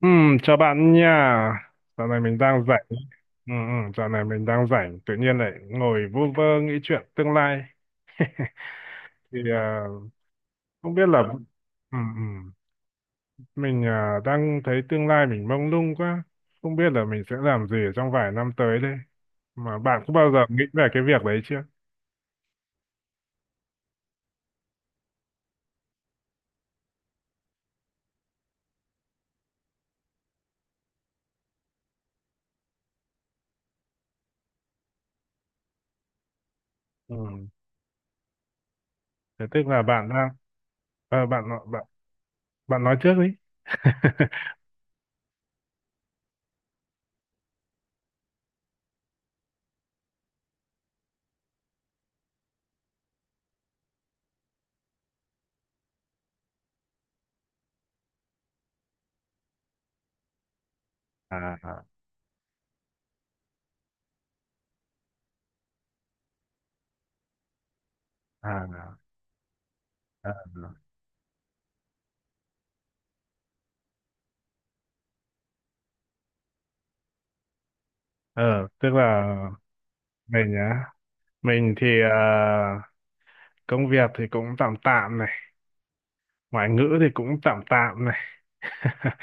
Ừ, chào bạn nha. Dạo này mình đang rảnh. Ừ, ừ, dạo này mình đang rảnh. Tự nhiên lại ngồi vu vơ nghĩ chuyện tương lai. Thì không biết là... Ừ, ừ. Mình đang thấy tương lai mình mông lung quá. Không biết là mình sẽ làm gì ở trong vài năm tới đây. Mà bạn có bao giờ nghĩ về cái việc đấy chưa? Ừ. Thế tức là bạn đang... ờ, bạn, nói- bạn, Bạn nói trước đi. À, à, à, à. À. ờ, Tức là mình nhá. Mình thì... công việc thì cũng tạm tạm này, ngoại ngữ thì cũng tạm tạm này.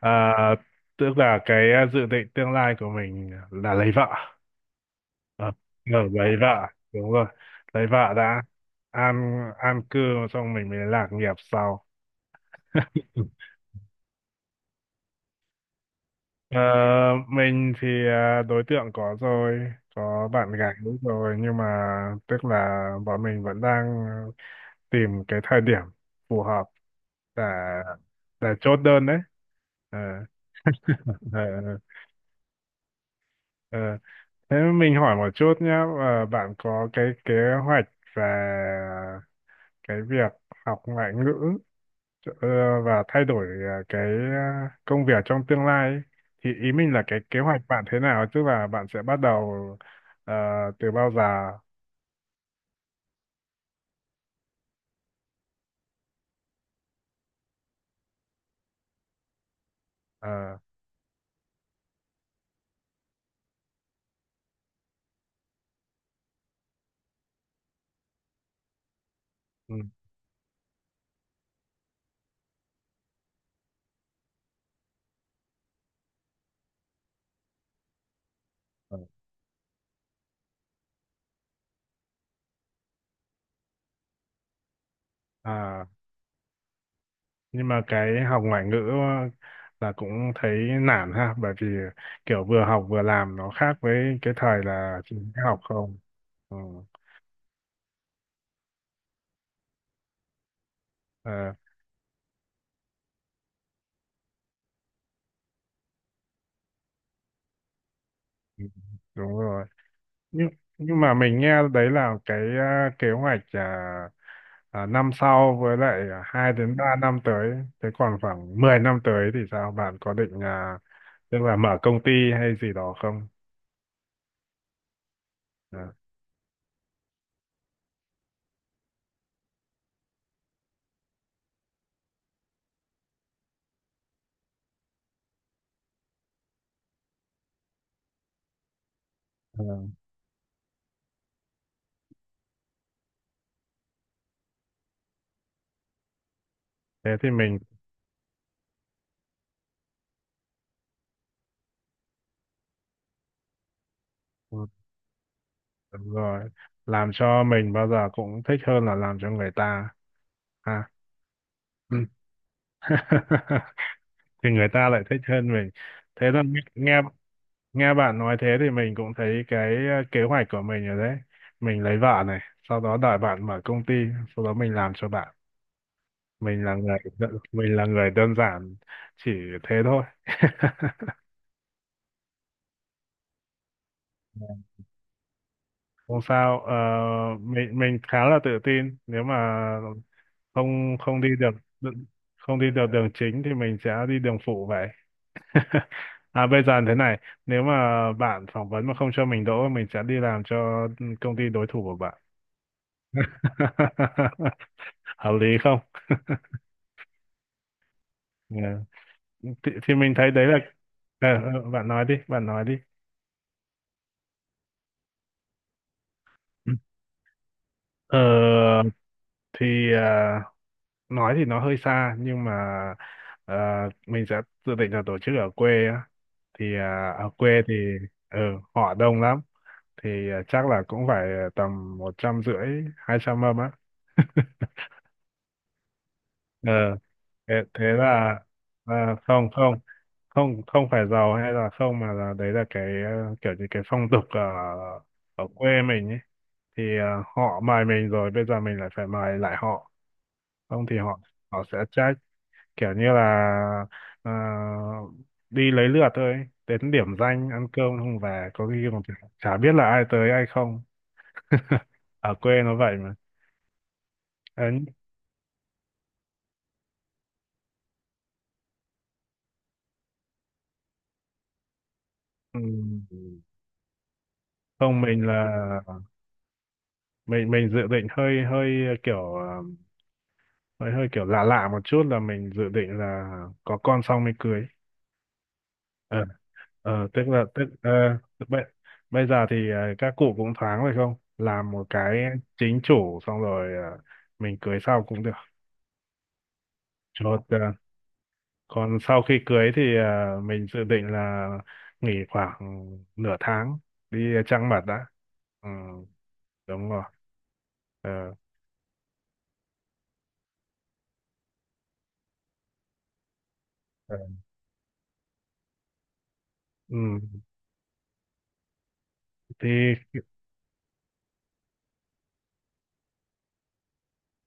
Ờ, tức là cái dự định tương lai của mình là lấy vợ. Ờ, ờ, lấy vợ, đúng rồi, lấy vợ đã. An an cư xong mình mới lạc nghiệp sau. Ừ. Ờ, mình thì đối tượng có rồi, có bạn gái rồi, nhưng mà tức là bọn mình vẫn đang tìm cái thời điểm phù hợp để để chốt đơn đấy. Ờ. Ờ, ờ, ờ. Thế mình hỏi một chút nhé, bạn có cái kế hoạch về cái việc học ngoại ngữ ờ, và thay đổi cái công việc trong tương lai ấy. Thì ý mình là cái kế hoạch bạn thế nào, tức là bạn sẽ bắt đầu ờ, từ bao giờ. Ờ, ừ, ờ. à, nhưng mà cái học ngoại ngữ là cũng thấy nản ha, bởi vì kiểu vừa học vừa làm nó khác với cái thời là chỉ học không. Ừ. Ờ. Ừ, đúng rồi, nhưng nhưng mà mình nghe đấy là cái kế hoạch năm sau, với lại 2 đến 3 năm tới. Thế còn khoảng 10 năm tới thì sao, bạn có định tức là mở công ty hay gì đó không? À, ừ. Thế thì mình. Ừ, đúng rồi, làm cho mình bao giờ cũng thích hơn là làm cho người ta. Ha. Ừ. Thì người ta lại thích hơn mình. Thế là nghe nghe nghe bạn nói thế thì mình cũng thấy cái kế hoạch của mình rồi đấy: mình lấy vợ này, sau đó đợi bạn mở công ty, sau đó mình làm cho bạn. Mình là người đơn giản, chỉ thế thôi. Không sao. Ờ, mình khá là tự tin, nếu mà không không đi được, không đi được đường chính thì mình sẽ đi đường phụ vậy. À, bây giờ thế này, nếu mà bạn phỏng vấn mà không cho mình đỗ, mình sẽ đi làm cho công ty đối thủ của bạn. Hợp lý không? Ừ. Thì mình thấy đấy là... Ờ, ờ, bạn nói đi, bạn nói đi. Ờ, thì nói thì nó hơi xa, nhưng mà mình sẽ dự định là tổ chức ở quê á. Thì ở quê thì ờ, họ đông lắm. Thì chắc là cũng phải tầm 150, 200 mâm á. ờ thế là không, không, không, không phải giàu hay là không, mà là đấy là cái kiểu như cái phong tục ở ở quê mình ấy, thì họ mời mình rồi bây giờ mình lại phải mời lại họ, không thì họ họ sẽ trách, kiểu như là ờ, đi lấy lượt thôi ấy. Đến điểm danh ăn cơm không về có khi còn chả chả biết là ai tới ai không. Ở quê nó vậy mà. Ờ, ừ. Không, mình là mình dự định hơi hơi ờ, kiểu ờ, hơi hơi kiểu lạ lạ một chút, là mình dự định là có con xong mới cưới. Ờ ờ, tức là tức ờ, bây, bây giờ thì các cụ cũng thoáng rồi, không làm một cái chính chủ xong rồi mình cưới sau cũng được, chốt. Ờ. Còn sau khi cưới thì mình dự định là nghỉ khoảng nửa tháng đi trăng mật đã. Ừ, đúng rồi. Ờ, ờ. Ừ, thì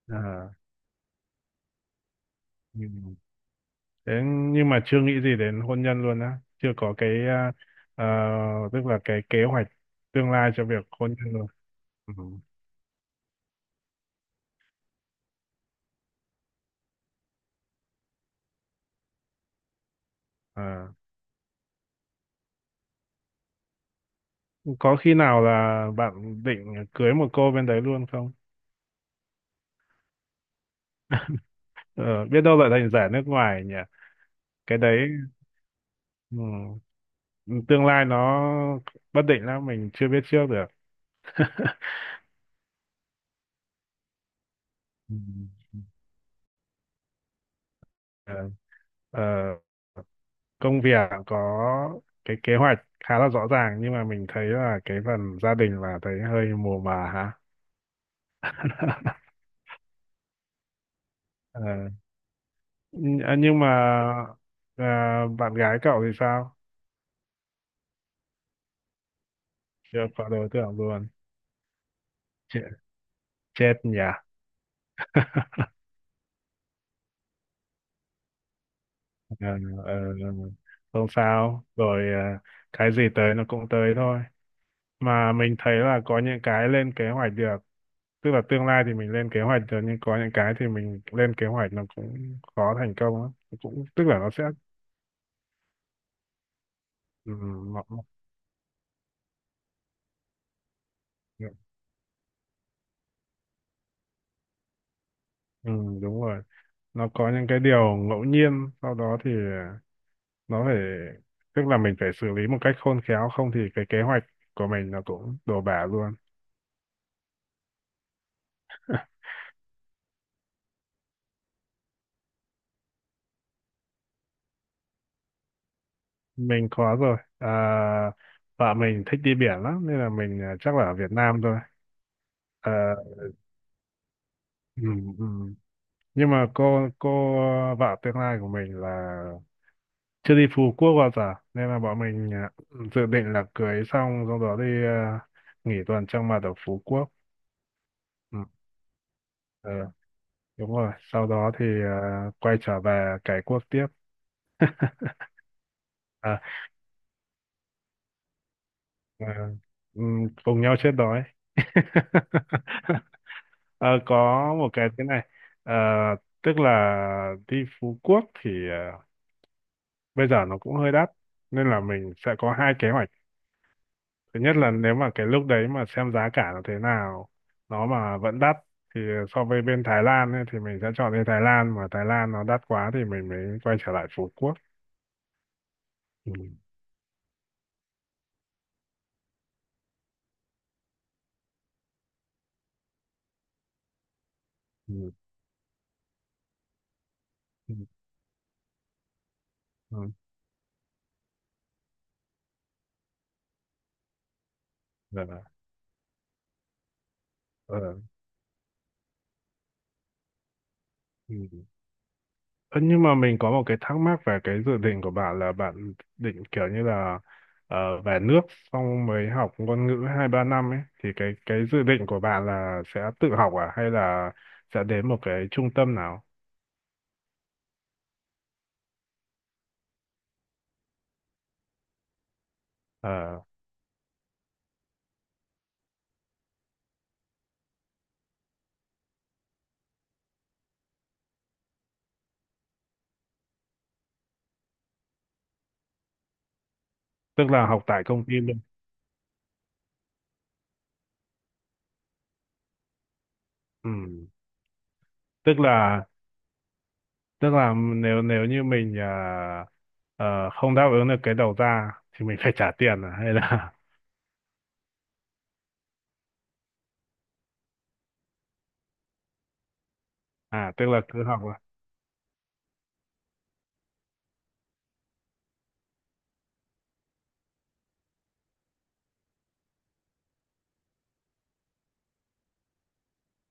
ờ, ừ. Thế nhưng mà chưa nghĩ gì đến hôn nhân luôn á, chưa có cái ờ, tức là cái kế hoạch tương lai cho việc hôn nhân luôn. Ừ. À, có khi nào là bạn định cưới một cô bên đấy luôn không? Ờ, biết đâu lại thành giả nước ngoài nhỉ? Cái đấy, ừ, tương lai nó bất định lắm, mình chưa biết trước được. Ừ. Ờ, ờ, công việc có cái kế hoạch khá là rõ ràng, nhưng mà mình thấy là cái phần gia đình là thấy hơi mù mà hả? Nhưng mà bạn gái cậu thì sao? Chưa có đối tượng luôn. Chết, chết nhỉ. Ờ, ờ, không sao rồi. Cái gì tới nó cũng tới thôi, mà mình thấy là có những cái lên kế hoạch được. Tức là tương lai thì mình lên kế hoạch được, nhưng có những cái thì mình lên kế hoạch nó cũng khó thành công lắm. Cũng tức là nó sẽ... ừ, nó, nó- ừ, đúng rồi, nó có những cái điều ngẫu nhiên, sau đó thì nó phải tức là mình phải xử lý một cách khôn khéo, không thì cái kế hoạch của mình nó cũng đổ bả luôn. Mình có rồi. Vợ mình thích đi biển lắm, nên là mình, chắc là ở Việt Nam thôi. À, ừ, ừ. Nhưng mà cô vợ tương lai của mình là chưa đi Phú Quốc bao giờ, nên là bọn mình, dự định là cưới xong sau đó đi, nghỉ tuần trăng mật ở Phú Quốc. Ừ, ờ, đúng rồi, sau đó thì quay trở về cái quốc tiếp. À, và, cùng nhau chết đói. Ờ, có một cái thế này. Ờ, tức là đi Phú Quốc thì bây giờ nó cũng hơi đắt, nên là mình sẽ có hai kế hoạch. Thứ nhất là nếu mà cái lúc đấy mà xem giá cả nó thế nào, nó mà vẫn đắt thì so với bên Thái Lan ấy, thì mình sẽ chọn đi Thái Lan, mà Thái Lan nó đắt quá thì mình mới quay trở lại Phú Quốc. Ừ. Ừ. Ừ. Ừ. Dạ. Ờ. Ừ. Ơ, nhưng mà mình có một cái thắc mắc về cái dự định của bạn, là bạn định kiểu như là về nước xong mới học ngôn ngữ 2 3 năm ấy, thì cái dự định của bạn là sẽ tự học à hay là sẽ đến một cái trung tâm nào? Ờ, tức là học tại công ty luôn. Ừ. tức là tức là nếu nếu như mình không đáp ứng được cái đầu ra thì mình phải trả tiền à hay là... À, tức là cứ học à?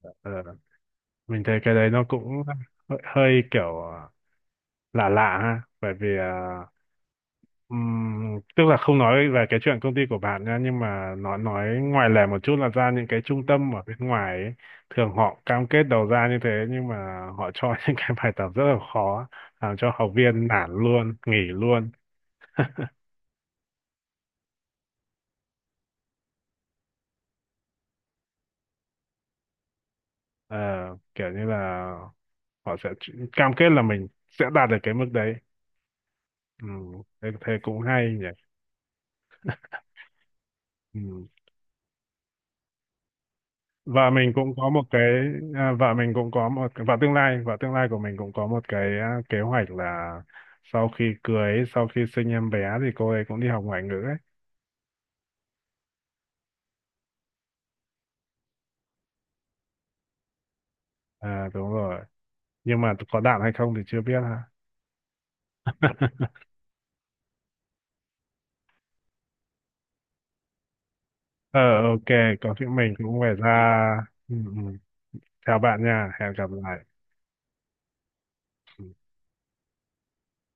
Ờ, mình thấy cái đấy nó cũng hơi kiểu lạ lạ ha, bởi vì tức là không nói về cái chuyện công ty của bạn nha, nhưng mà nó, nói ngoài lề một chút, là ra những cái trung tâm ở bên ngoài ấy, thường họ cam kết đầu ra như thế, nhưng mà họ cho những cái bài tập rất là khó, làm cho học viên nản luôn, nghỉ luôn. Ờ, kiểu như là họ sẽ cam kết là mình sẽ đạt được cái mức đấy. Thế cũng hay nhỉ. vợ mình cũng có một cái vợ mình cũng có một Vợ tương lai của mình cũng có một cái kế hoạch là sau khi cưới, sau khi sinh em bé thì cô ấy cũng đi học ngoại ngữ ấy. À, đúng rồi. Nhưng mà có đạt hay không thì chưa biết ha. Ờ, ok. Có chuyện mình cũng phải ra. Ừ, ừ. Chào bạn nha, hẹn gặp lại. Ừ.